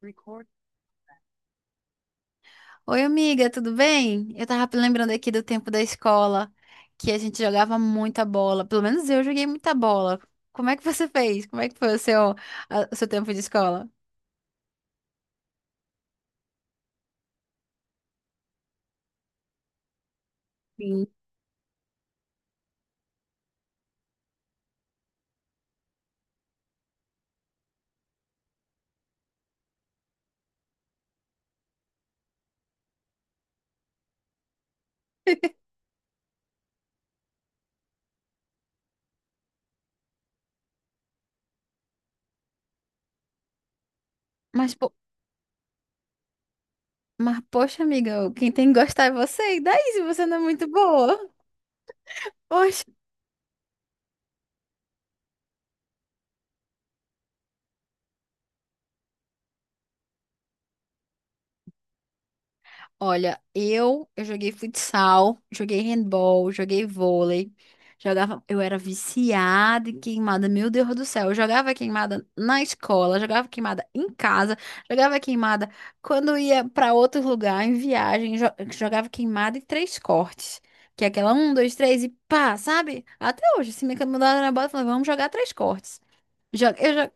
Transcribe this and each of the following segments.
Record. Oi, amiga, tudo bem? Eu tava lembrando aqui do tempo da escola, que a gente jogava muita bola. Pelo menos eu joguei muita bola. Como é que você fez? Como é que foi o seu, o seu tempo de escola? Sim. Mas, po- mas, poxa, amiga, quem tem que gostar é você. E daí, se você não é muito boa? Poxa. Olha, eu joguei futsal, joguei handball, joguei vôlei, jogava, eu era viciada em queimada, meu Deus do céu, eu jogava queimada na escola, jogava queimada em casa, jogava queimada quando ia para outro lugar, em viagem, jogava queimada em três cortes, que é aquela um, dois, três e pá, sabe? Até hoje, se me mandaram na bola, eu falava, vamos jogar três cortes. Eu já...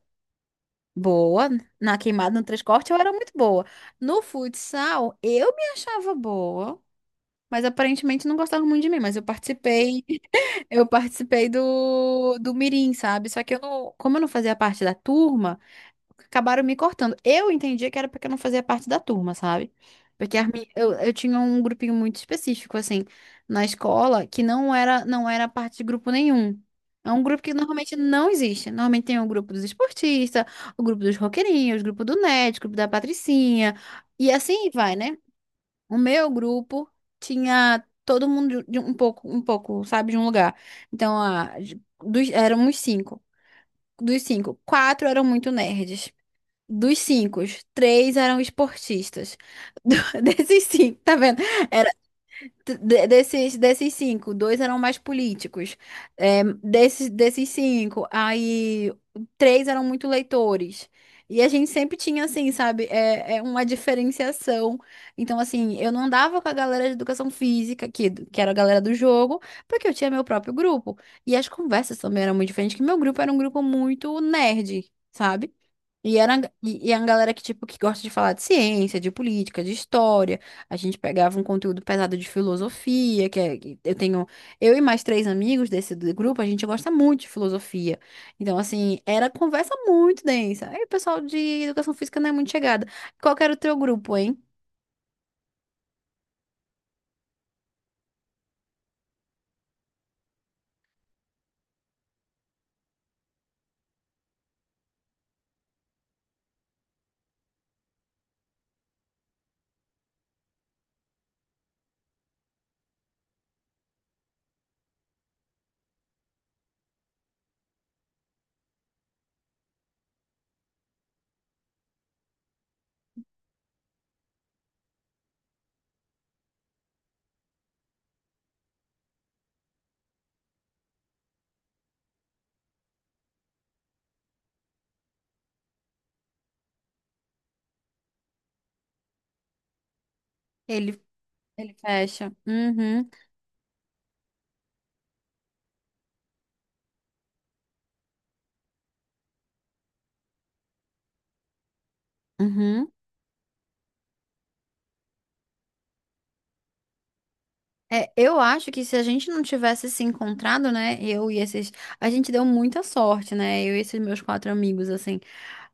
Boa, na queimada no três cortes eu era muito boa. No futsal, eu me achava boa. Mas aparentemente não gostavam muito de mim, mas eu participei, eu participei do Mirim, sabe? Só que eu não, como eu não fazia parte da turma, acabaram me cortando. Eu entendia que era porque eu não fazia parte da turma, sabe? Porque eu tinha um grupinho muito específico, assim, na escola, que não era parte de grupo nenhum. É um grupo que normalmente não existe. Normalmente tem o grupo dos esportistas, o grupo dos roqueirinhos, o grupo do nerd, o grupo da patricinha, e assim vai, né? O meu grupo tinha todo mundo de um pouco, sabe, de um lugar. Então, éramos cinco. Dos cinco, quatro eram muito nerds. Dos cinco, três eram esportistas. Do- desses cinco, tá vendo? Desses cinco, dois eram mais políticos. Desses cinco, aí três eram muito leitores. E a gente sempre tinha, assim, sabe, é uma diferenciação. Então, assim, eu não andava com a galera de educação física, que era a galera do jogo, porque eu tinha meu próprio grupo. E as conversas também eram muito diferentes, que meu grupo era um grupo muito nerd, sabe? E era é galera que, tipo, que gosta de falar de ciência, de política, de história. A gente pegava um conteúdo pesado de filosofia, que eu tenho, eu e mais três amigos desse do grupo, a gente gosta muito de filosofia. Então, assim, era conversa muito densa. Aí o pessoal de educação física não é muito chegada. Qual que era o teu grupo, hein? Ele, ele fecha. Uhum, uhum. É, eu acho que se a gente não tivesse se encontrado, né, eu e esses, a gente deu muita sorte, né, eu e esses meus quatro amigos, assim,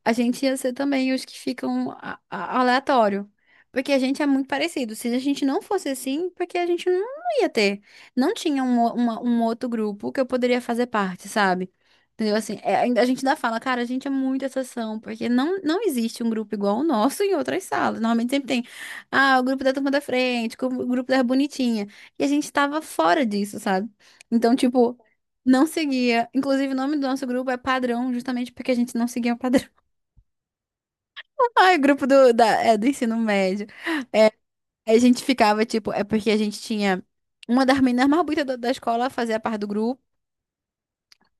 a gente ia ser também os que ficam aleatório, porque a gente é muito parecido. Se a gente não fosse assim, porque a gente não ia ter, não tinha um outro grupo que eu poderia fazer parte, sabe? Entendeu? Assim, a gente ainda fala, cara, a gente é muito exceção, porque não existe um grupo igual o nosso em outras salas. Normalmente sempre tem, ah, o grupo da turma da frente, o grupo da bonitinha. E a gente tava fora disso, sabe? Então, tipo, não seguia. Inclusive, o nome do nosso grupo é Padrão, justamente porque a gente não seguia o padrão. Ai, grupo do ensino médio. Aí a gente ficava, tipo, é porque a gente tinha uma das meninas mais bonitas da escola fazia parte do grupo.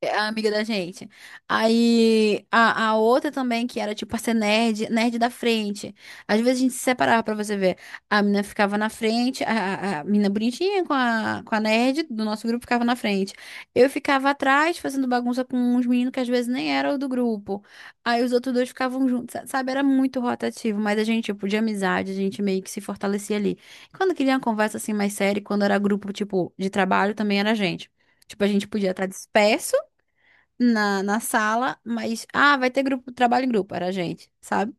É a amiga da gente. Aí a outra também, que era tipo a ser nerd da frente. Às vezes a gente se separava pra você ver. A menina ficava na frente, a menina bonitinha com a nerd do nosso grupo ficava na frente. Eu ficava atrás fazendo bagunça com uns meninos que às vezes nem eram do grupo. Aí os outros dois ficavam juntos, sabe? Era muito rotativo, mas a gente, tipo, de amizade, a gente meio que se fortalecia ali. Quando queria uma conversa assim mais séria, e quando era grupo, tipo, de trabalho, também era a gente. Tipo, a gente podia estar disperso na sala, mas ah, vai ter grupo, trabalho em grupo, era a gente, sabe?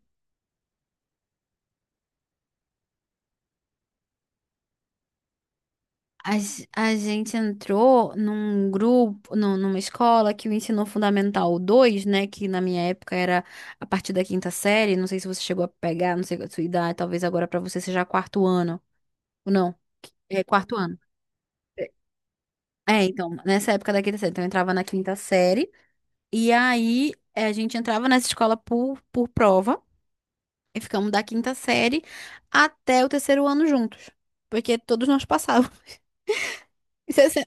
A gente entrou num grupo, numa escola que o ensino fundamental 2 né, que na minha época era a partir da quinta série, não sei se você chegou a pegar, não sei a sua idade, talvez agora pra você seja quarto ano, ou não, é quarto ano. É, então, nessa época da quinta série, então eu entrava na quinta série, e aí a gente entrava nessa escola por prova. E ficamos da quinta série até o terceiro ano juntos. Porque todos nós passávamos. Isso é...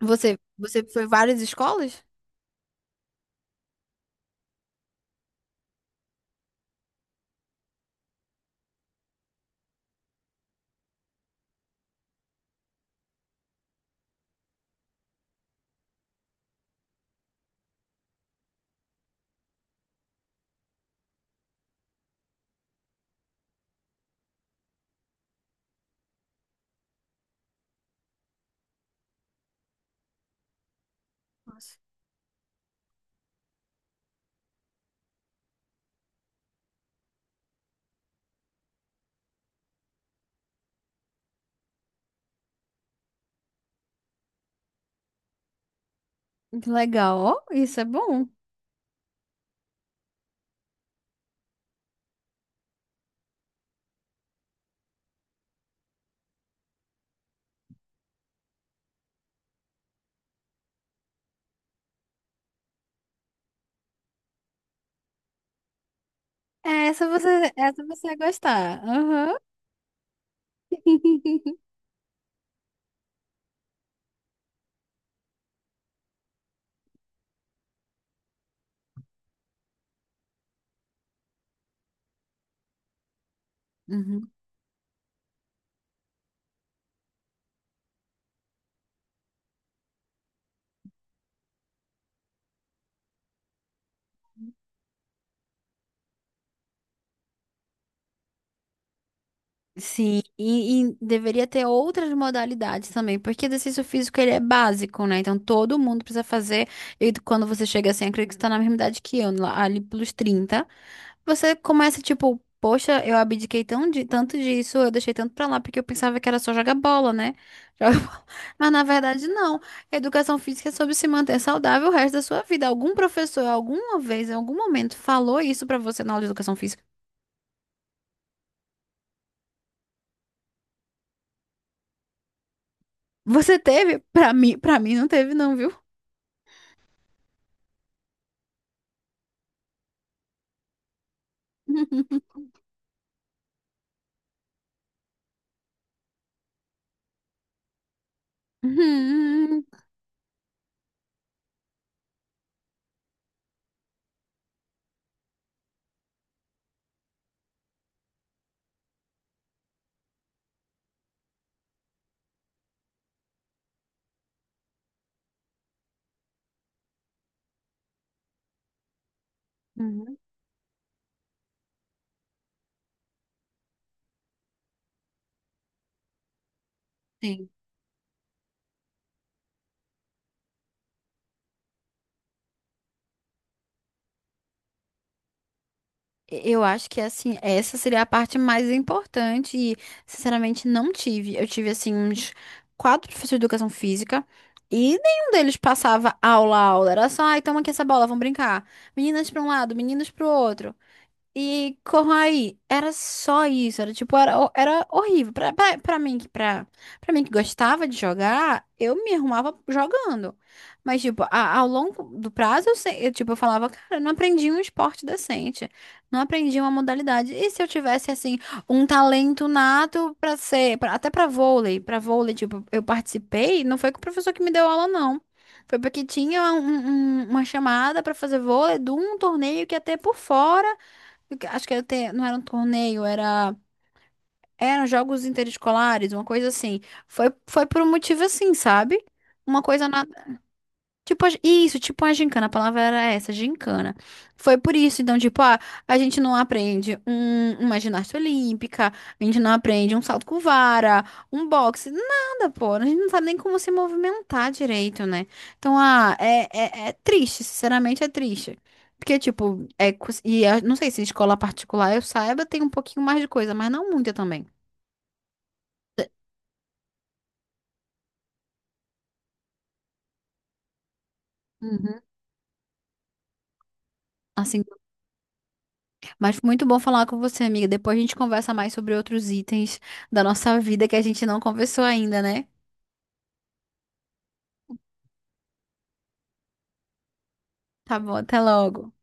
Você, você foi várias escolas? Nossa. Que legal, ó, isso é bom. É, essa você vai gostar. Aham. Uhum. Sim, e deveria ter outras modalidades também, porque exercício físico ele é básico, né? Então todo mundo precisa fazer. E quando você chega assim, acredito que você está na mesma idade que eu, lá- ali pelos 30. Você começa tipo, poxa, eu abdiquei tão de, tanto disso, eu deixei tanto pra lá, porque eu pensava que era só jogar bola, né? Joga bola. Mas na verdade, não. Educação física é sobre se manter saudável o resto da sua vida. Algum professor, alguma vez, em algum momento, falou isso pra você na aula de educação física? Você teve? Pra mim não teve, não, viu? Uhum. Uhum. Sim. Eu acho que assim, essa seria a parte mais importante e, sinceramente, não tive. Eu tive assim uns quatro professores de educação física e nenhum deles passava aula a aula. Era só, ai, toma aqui essa bola, vamos brincar. Meninas para um lado, meninos para o outro. E corrai, era só isso, era tipo, era horrível. Pra mim, pra mim que gostava de jogar, eu me arrumava jogando. Mas, tipo, a- ao longo do prazo, eu falava, cara, eu não aprendi um esporte decente, não aprendi uma modalidade. E se eu tivesse, assim, um talento nato pra ser, até pra vôlei, tipo, eu participei, não foi com o professor que me deu aula, não. Foi porque tinha uma chamada pra fazer vôlei de um torneio que ia ter por fora. Acho que era não era um torneio, eram jogos interescolares, uma coisa assim. Foi, foi por um motivo assim, sabe? Uma coisa... Tipo, isso, tipo uma gincana, a palavra era essa, gincana. Foi por isso, então, tipo, ah, a gente não aprende uma ginástica olímpica, a gente não aprende um salto com vara, um boxe, nada, pô. A gente não sabe nem como se movimentar direito, né? Então, ah, é triste, sinceramente é triste. Porque, tipo, e eu não sei se em escola particular eu saiba, tem um pouquinho mais de coisa, mas não muita também. Uhum. Assim. Mas foi muito bom falar com você, amiga. Depois a gente conversa mais sobre outros itens da nossa vida que a gente não conversou ainda, né? Tá bom, até logo.